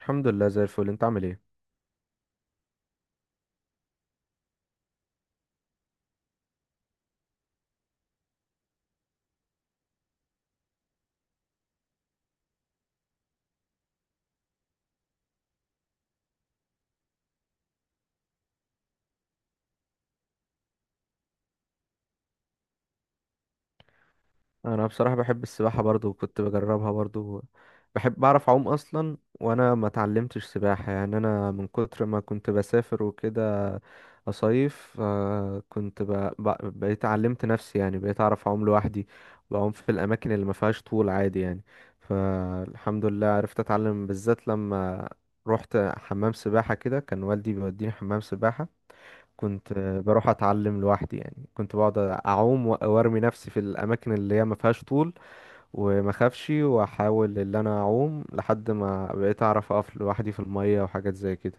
الحمد لله زي الفل، انت عامل ايه؟ انا بصراحه بحب السباحه برضو وكنت بجربها برضو. بحب بعرف اعوم اصلا، وانا ما اتعلمتش سباحه، يعني انا من كتر ما كنت بسافر وكده اصيف، كنت ب... بقيت علمت نفسي. يعني بقيت اعرف اعوم لوحدي، بعوم في الاماكن اللي ما فيهاش طول عادي يعني. فالحمد لله عرفت اتعلم بالذات لما رحت حمام سباحه كده، كان والدي بيوديني حمام سباحه. كنت بروح اتعلم لوحدي، يعني كنت بقعد اعوم وارمي نفسي في الاماكن اللي هي ما فيهاش طول، وما اخافش واحاول ان انا اعوم لحد ما بقيت اعرف اقف لوحدي في الميه وحاجات زي كده.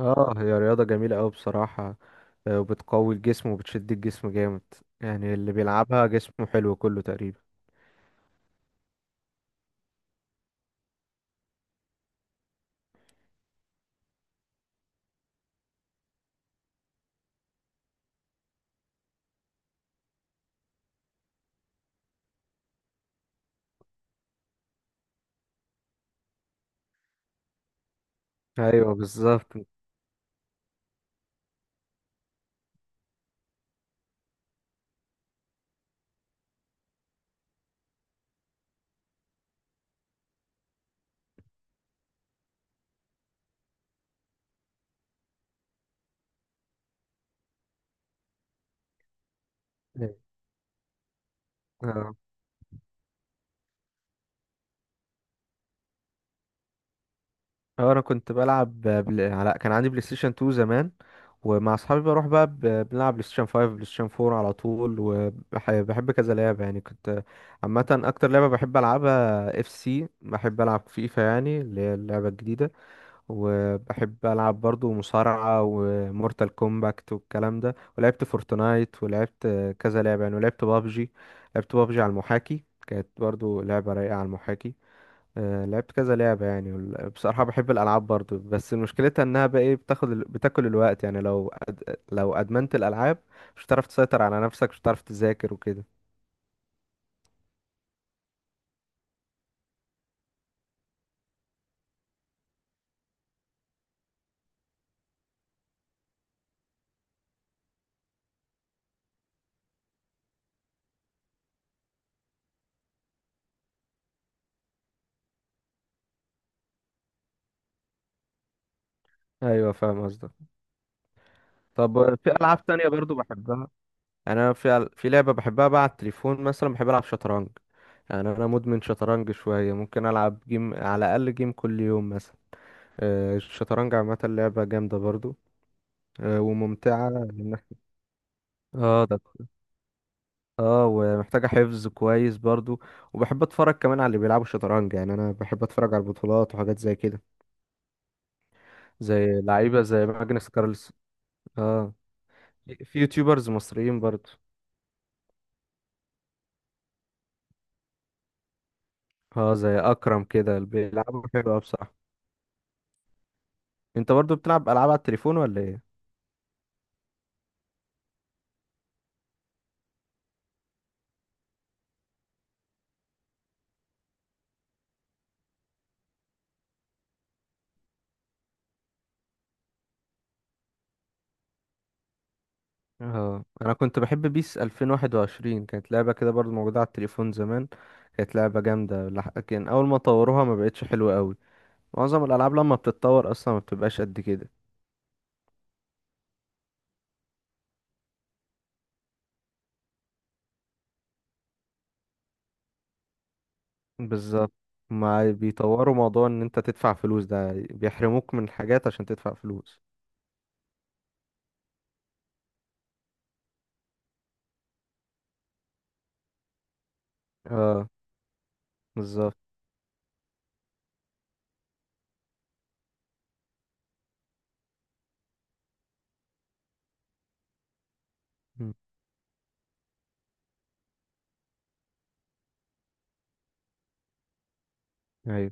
اه، هي رياضه جميله قوي بصراحه. وبتقوي الجسم وبتشد الجسم جامد، يعني اللي بيلعبها جسمه حلو كله تقريبا. ايوه بالظبط. أيوة. اه. انا كنت بلعب على كان عندي بلاي ستيشن 2 زمان، ومع اصحابي بروح بقى بنلعب بلاي ستيشن 5 بلاي ستيشن 4 على طول، وبحب كذا لعبه يعني. كنت عامه اكتر لعبه بحب العبها اف سي، بحب العب فيفا، يعني اللي هي اللعبه الجديده. وبحب العب برضو مصارعه ومورتال كومباكت والكلام ده، ولعبت فورتنايت ولعبت كذا لعبه يعني، ولعبت بابجي. لعبت بابجي على المحاكي، كانت برضو لعبه رايقه على المحاكي. لعبت كذا لعبة يعني. بصراحة بحب الألعاب برضو، بس مشكلتها إنها بقى إيه، بتاخد بتاكل الوقت. يعني لو أدمنت الألعاب مش هتعرف تسيطر على نفسك، مش هتعرف تذاكر وكده. أيوة، فاهم قصدك. طب في ألعاب تانية برضو بحبها، يعني أنا في لعبة بحبها بقى على التليفون مثلا، بحب ألعب شطرنج. يعني أنا مدمن شطرنج شوية، ممكن ألعب جيم على الأقل، جيم كل يوم مثلا. الشطرنج عامة لعبة جامدة برضو، وممتعة. اه ده. اه، ومحتاجة حفظ كويس برضو. وبحب اتفرج كمان على اللي بيلعبوا شطرنج، يعني انا بحب اتفرج على البطولات وحاجات زي كده، زي لعيبة زي ماجنس كارلس. اه. في يوتيوبرز مصريين برضو. اه، زي اكرم كده اللي بيلعبوا حلو أوي بصراحة. انت برضو بتلعب العاب على التليفون ولا ايه؟ اه، انا كنت بحب بيس 2021، كانت لعبة كده برضو موجودة على التليفون زمان. كانت لعبة جامدة لكن اول ما طوروها ما بقتش حلوة قوي. معظم الالعاب لما بتتطور اصلا ما بتبقاش قد كده. بالظبط. ما بيطوروا موضوع ان انت تدفع فلوس ده، بيحرموك من حاجات عشان تدفع فلوس. اه، بالظبط. مم. ايوه.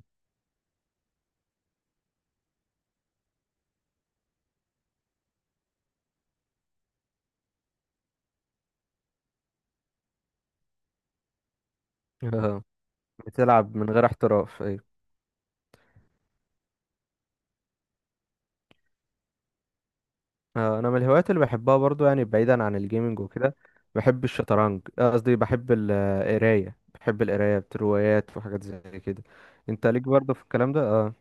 اه، بتلعب من غير احتراف، ايوه. آه، انا من الهوايات اللي بحبها برضو، يعني بعيدا عن الجيمنج وكده بحب الشطرنج، قصدي بحب القرايه، بحب القرايه روايات وحاجات زي كده. انت ليك برضو في الكلام ده؟ اه.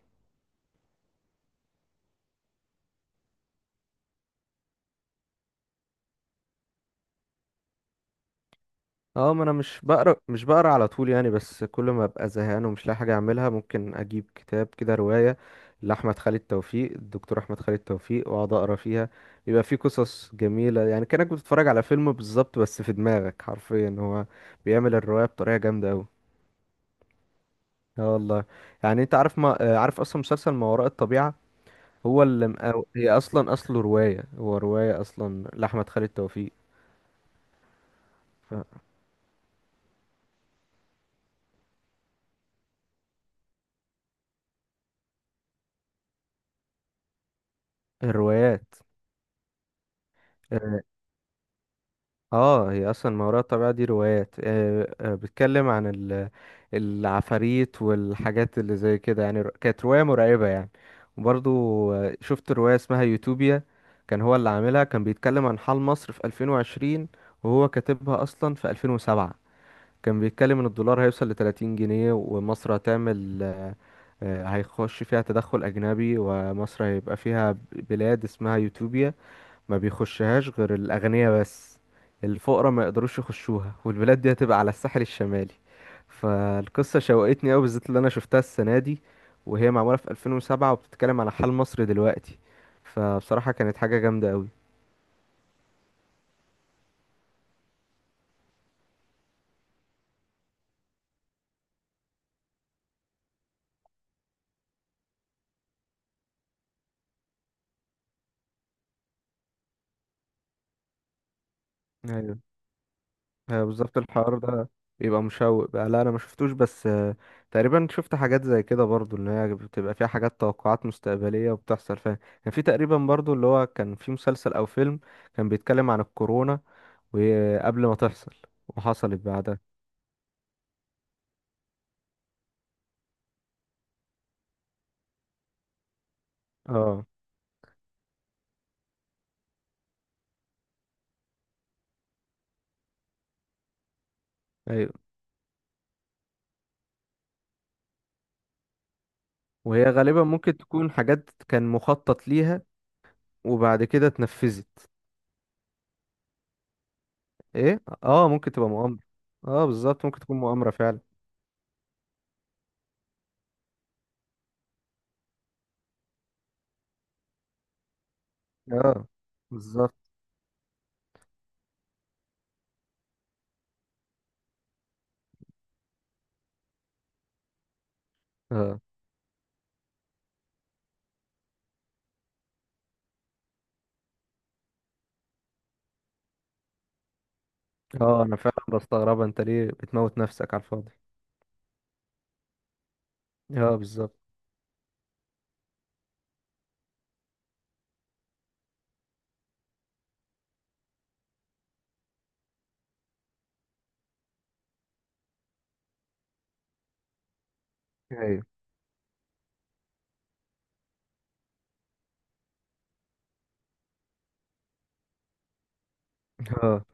اه، ما انا مش بقرا مش بقرا على طول يعني، بس كل ما ابقى زهقان ومش لاقي حاجه اعملها ممكن اجيب كتاب كده روايه لاحمد خالد توفيق، الدكتور احمد خالد توفيق، واقعد اقرا فيها. بيبقى فيه قصص جميله يعني، كانك بتتفرج على فيلم بالظبط، بس في دماغك حرفيا هو بيعمل الروايه بطريقه جامده قوي. اه والله. يعني انت عارف، ما عارف اصلا مسلسل ما وراء الطبيعه؟ هو اللي هي اصلا اصله روايه، هو روايه اصلا لاحمد خالد توفيق. فالروايات، اه، هي اصلا ما وراء الطبيعة دي روايات، بتتكلم عن العفاريت والحاجات اللي زي كده، يعني كانت رواية مرعبة يعني. وبرضو شفت رواية اسمها يوتوبيا. كان هو اللي عاملها، كان بيتكلم عن حال مصر في 2020، وهو كاتبها اصلا في 2007. كان بيتكلم ان الدولار هيوصل ل 30 جنيه، ومصر هتعمل هيخش فيها تدخل اجنبي، ومصر هيبقى فيها بلاد اسمها يوتوبيا، ما بيخشهاش غير الأغنياء بس. الفقراء ما يقدروش يخشوها، والبلاد دي هتبقى على الساحل الشمالي. فالقصة شوقتني أوي بالذات اللي أنا شفتها السنة دي، وهي معمولة في 2007 وبتتكلم على حال مصر دلوقتي. فبصراحة كانت حاجة جامدة أوي. أيوة. هي بالظبط الحوار ده بيبقى مشوق بقى. لا، أنا ما شفتوش، بس تقريبا شفت حاجات زي كده برضو، إن هي بتبقى فيها حاجات توقعات مستقبلية وبتحصل فيها. كان في تقريبا برضو اللي هو كان في مسلسل أو فيلم، كان بيتكلم عن الكورونا وقبل ما تحصل وحصلت بعدها. اه. ايوه. وهي غالبا ممكن تكون حاجات كان مخطط ليها، وبعد كده اتنفذت. ايه، اه ممكن تبقى مؤامرة. اه بالظبط، ممكن تكون مؤامرة فعلا. اه بالظبط. اه، اه، انا فعلا بستغربها، انت ليه بتموت نفسك على الفاضي؟ اه، بالظبط. ايوه. اه،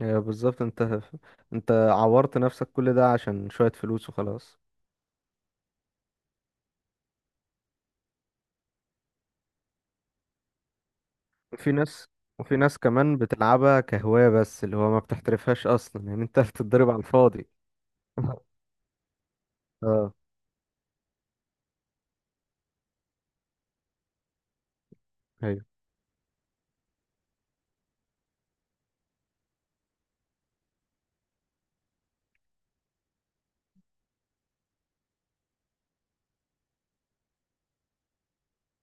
ايوه بالظبط، انت عورت نفسك كل ده عشان شوية فلوس وخلاص. وفي ناس، وفي ناس كمان بتلعبها كهواية، بس اللي هو ما بتحترفهاش أصلا، يعني أنت بتتضرب على الفاضي. اه. ايوه.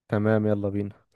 تمام، يلا بينا.